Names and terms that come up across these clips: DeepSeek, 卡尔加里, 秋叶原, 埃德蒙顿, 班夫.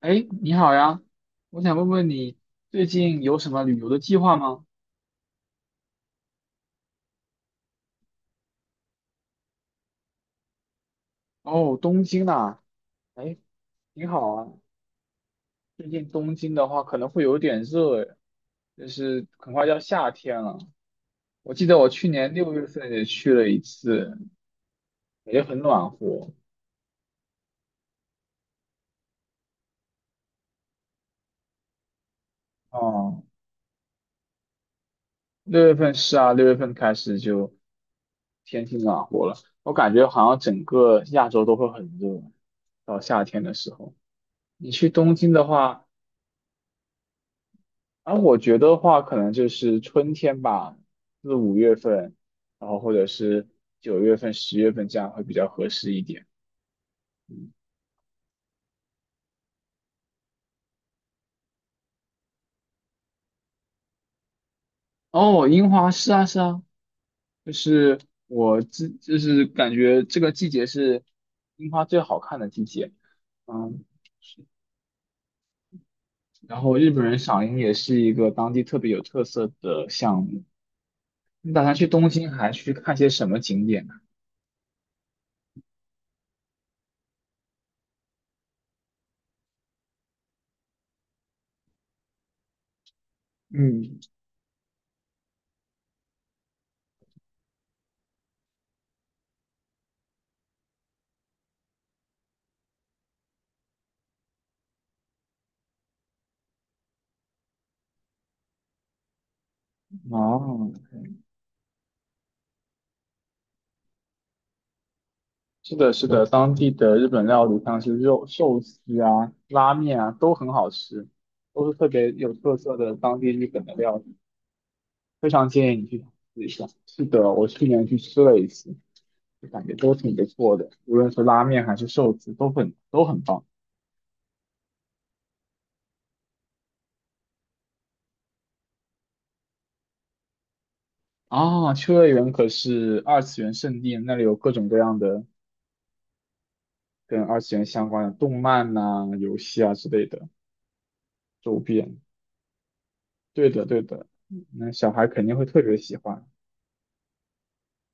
哎，你好呀，我想问问你最近有什么旅游的计划吗？哦，东京呐，哎，你好啊。最近东京的话可能会有点热诶，就是很快就要夏天了。我记得我去年六月份也去了一次，也很暖和。哦，六月份是啊，六月份开始就天气暖和了。我感觉好像整个亚洲都会很热，到夏天的时候。你去东京的话。而我觉得话，可能就是春天吧，4、5月份，然后或者是9月份、10月份这样会比较合适一点。嗯哦，樱花是啊是啊，就是就是感觉这个季节是樱花最好看的季节。嗯，然后日本人赏樱也是一个当地特别有特色的项目。你打算去东京还去看些什么景点呢？嗯，哦。是的，是的，当地的日本料理像是肉寿司啊、拉面啊，都很好吃，都是特别有特色的当地日本的料理，非常建议你去尝试一下。是的，我去年去吃了一次，就感觉都挺不错的，无论是拉面还是寿司，都很棒啊！秋叶原可是二次元圣地，那里有各种各样的跟二次元相关的动漫呐、游戏啊之类的周边。对的，对的，那小孩肯定会特别喜欢。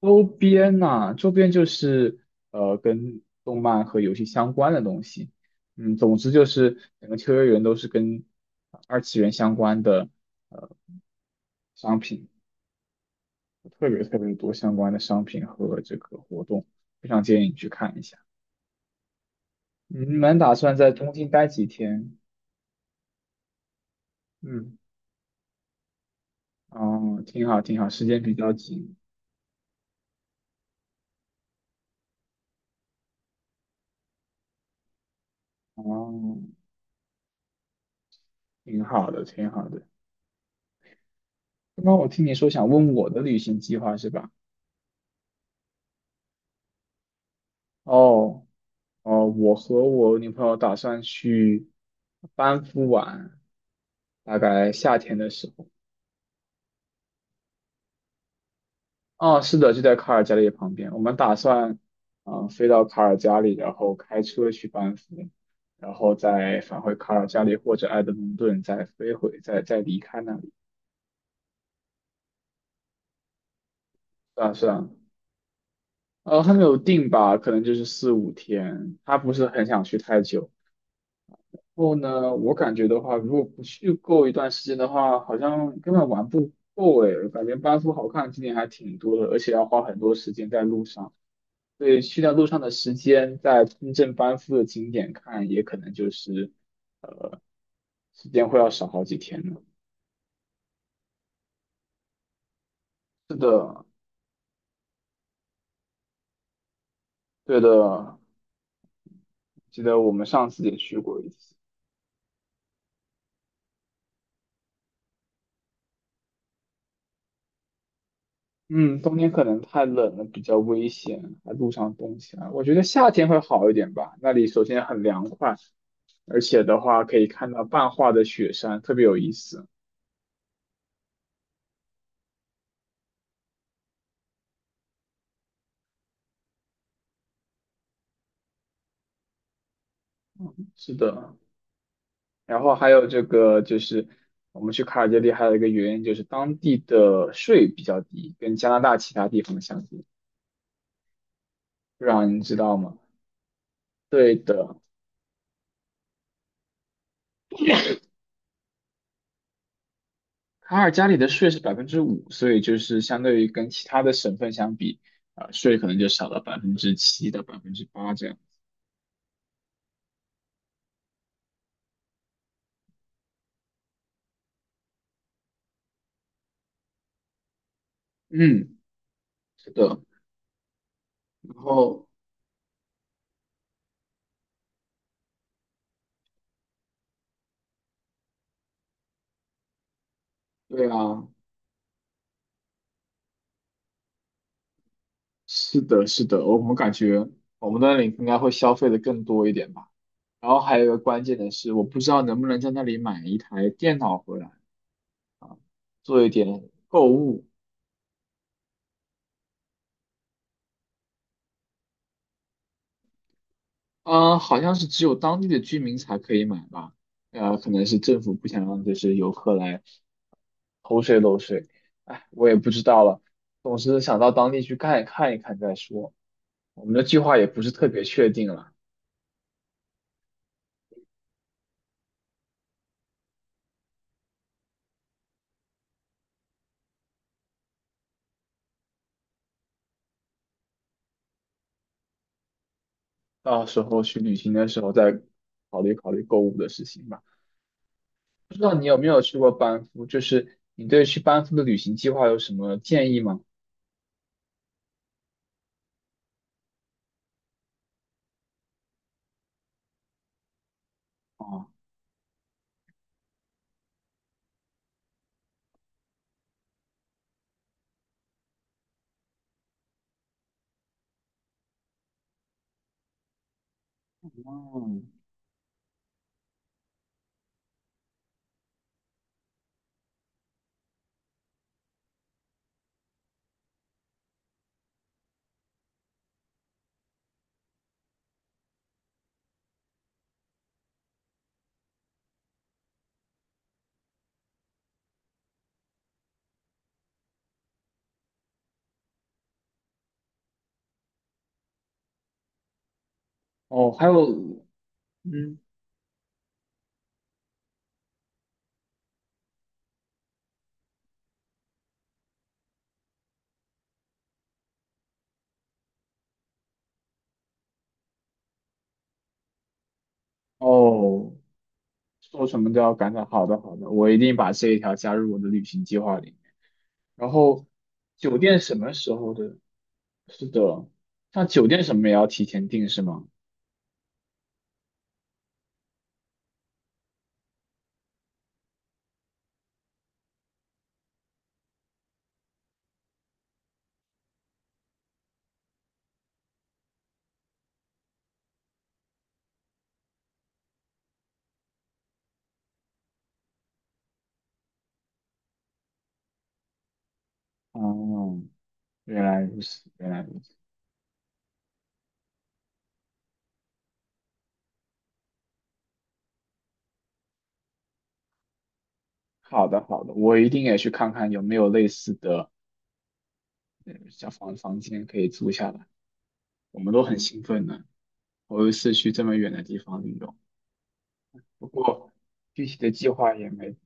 周边呐、周边就是跟动漫和游戏相关的东西。总之就是整个秋叶原都是跟二次元相关的呃商品，特别特别多相关的商品和这个活动，非常建议你去看一下。嗯你们打算在东京待几天？嗯，哦，挺好挺好，时间比较紧。哦，挺好的挺好的。刚刚我听你说想问我的旅行计划是吧？哦。哦，我和我女朋友打算去班夫玩，大概夏天的时候。哦，是的，就在卡尔加里旁边。我们打算，飞到卡尔加里，然后开车去班夫，然后再返回卡尔加里或者埃德蒙顿，再飞回，再离开那里。算了算了，还没有定吧，可能就是4、5天。他不是很想去太久，后呢，我感觉的话，如果不去够一段时间的话，好像根本玩不够诶。感觉班夫好看的景点还挺多的，而且要花很多时间在路上。所以去掉路上的时间，在真正班夫的景点看，也可能就是呃，时间会要少好几天呢。是的，对的，记得我们上次也去过一次。嗯，冬天可能太冷了，比较危险，还路上冻起来。我觉得夏天会好一点吧，那里首先很凉快。而且的话可以看到半化的雪山，特别有意思。是的，然后还有这个就是我们去卡尔加里还有一个原因就是当地的税比较低，跟加拿大其他地方相比，不知道您知道吗？对的，卡尔加里的税是5%，所以就是相对于跟其他的省份相比，啊、税可能就少了7%到8%这样。嗯，是的，然后对啊，是的，是的，我们感觉我们的领应该会消费的更多一点吧。然后还有一个关键的是，我不知道能不能在那里买一台电脑回来做一点购物。嗯，好像是只有当地的居民才可以买吧？可能是政府不想让就是游客来偷税漏税。哎，我也不知道了。总是想到当地去看一看一看再说。我们的计划也不是特别确定了，到时候去旅行的时候再考虑考虑购物的事情吧。不知道你有没有去过班夫？就是你对去班夫的旅行计划有什么建议吗？哦，哦，哦，还有，嗯，哦，做什么都要赶早。好的，好的，我一定把这一条加入我的旅行计划里。然后，酒店什么时候的？是的，像酒店什么也要提前订是吗？哦，原来如此，原来如此。好的，好的，我一定也去看看有没有类似的房间可以租下来。我们都很兴奋呢，头一次去这么远的地方旅游。不过具体的计划也没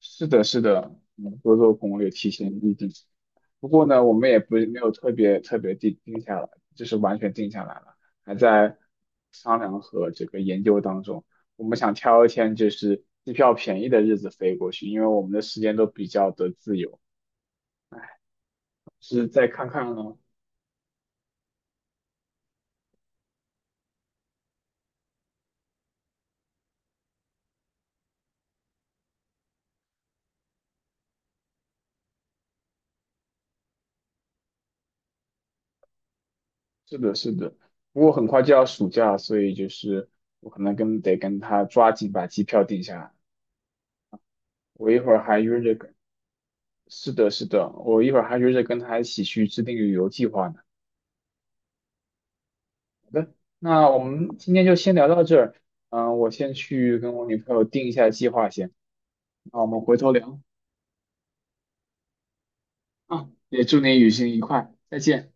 是的，是的，多做攻略，提前预定。不过呢，我们也不没有特别特别定下来，就是完全定下来了，还在商量和这个研究当中。我们想挑一天就是机票便宜的日子飞过去，因为我们的时间都比较的自由。是再看看呢？是的，是的。不过很快就要暑假，所以就是我可能跟他抓紧把机票定下来。我一会儿还约着。是的，是的，我一会儿还约着跟他一起去制定旅游计划呢。好的，那我们今天就先聊到这儿。我先去跟我女朋友定一下计划先，那我们回头聊啊。也祝你旅行愉快，再见。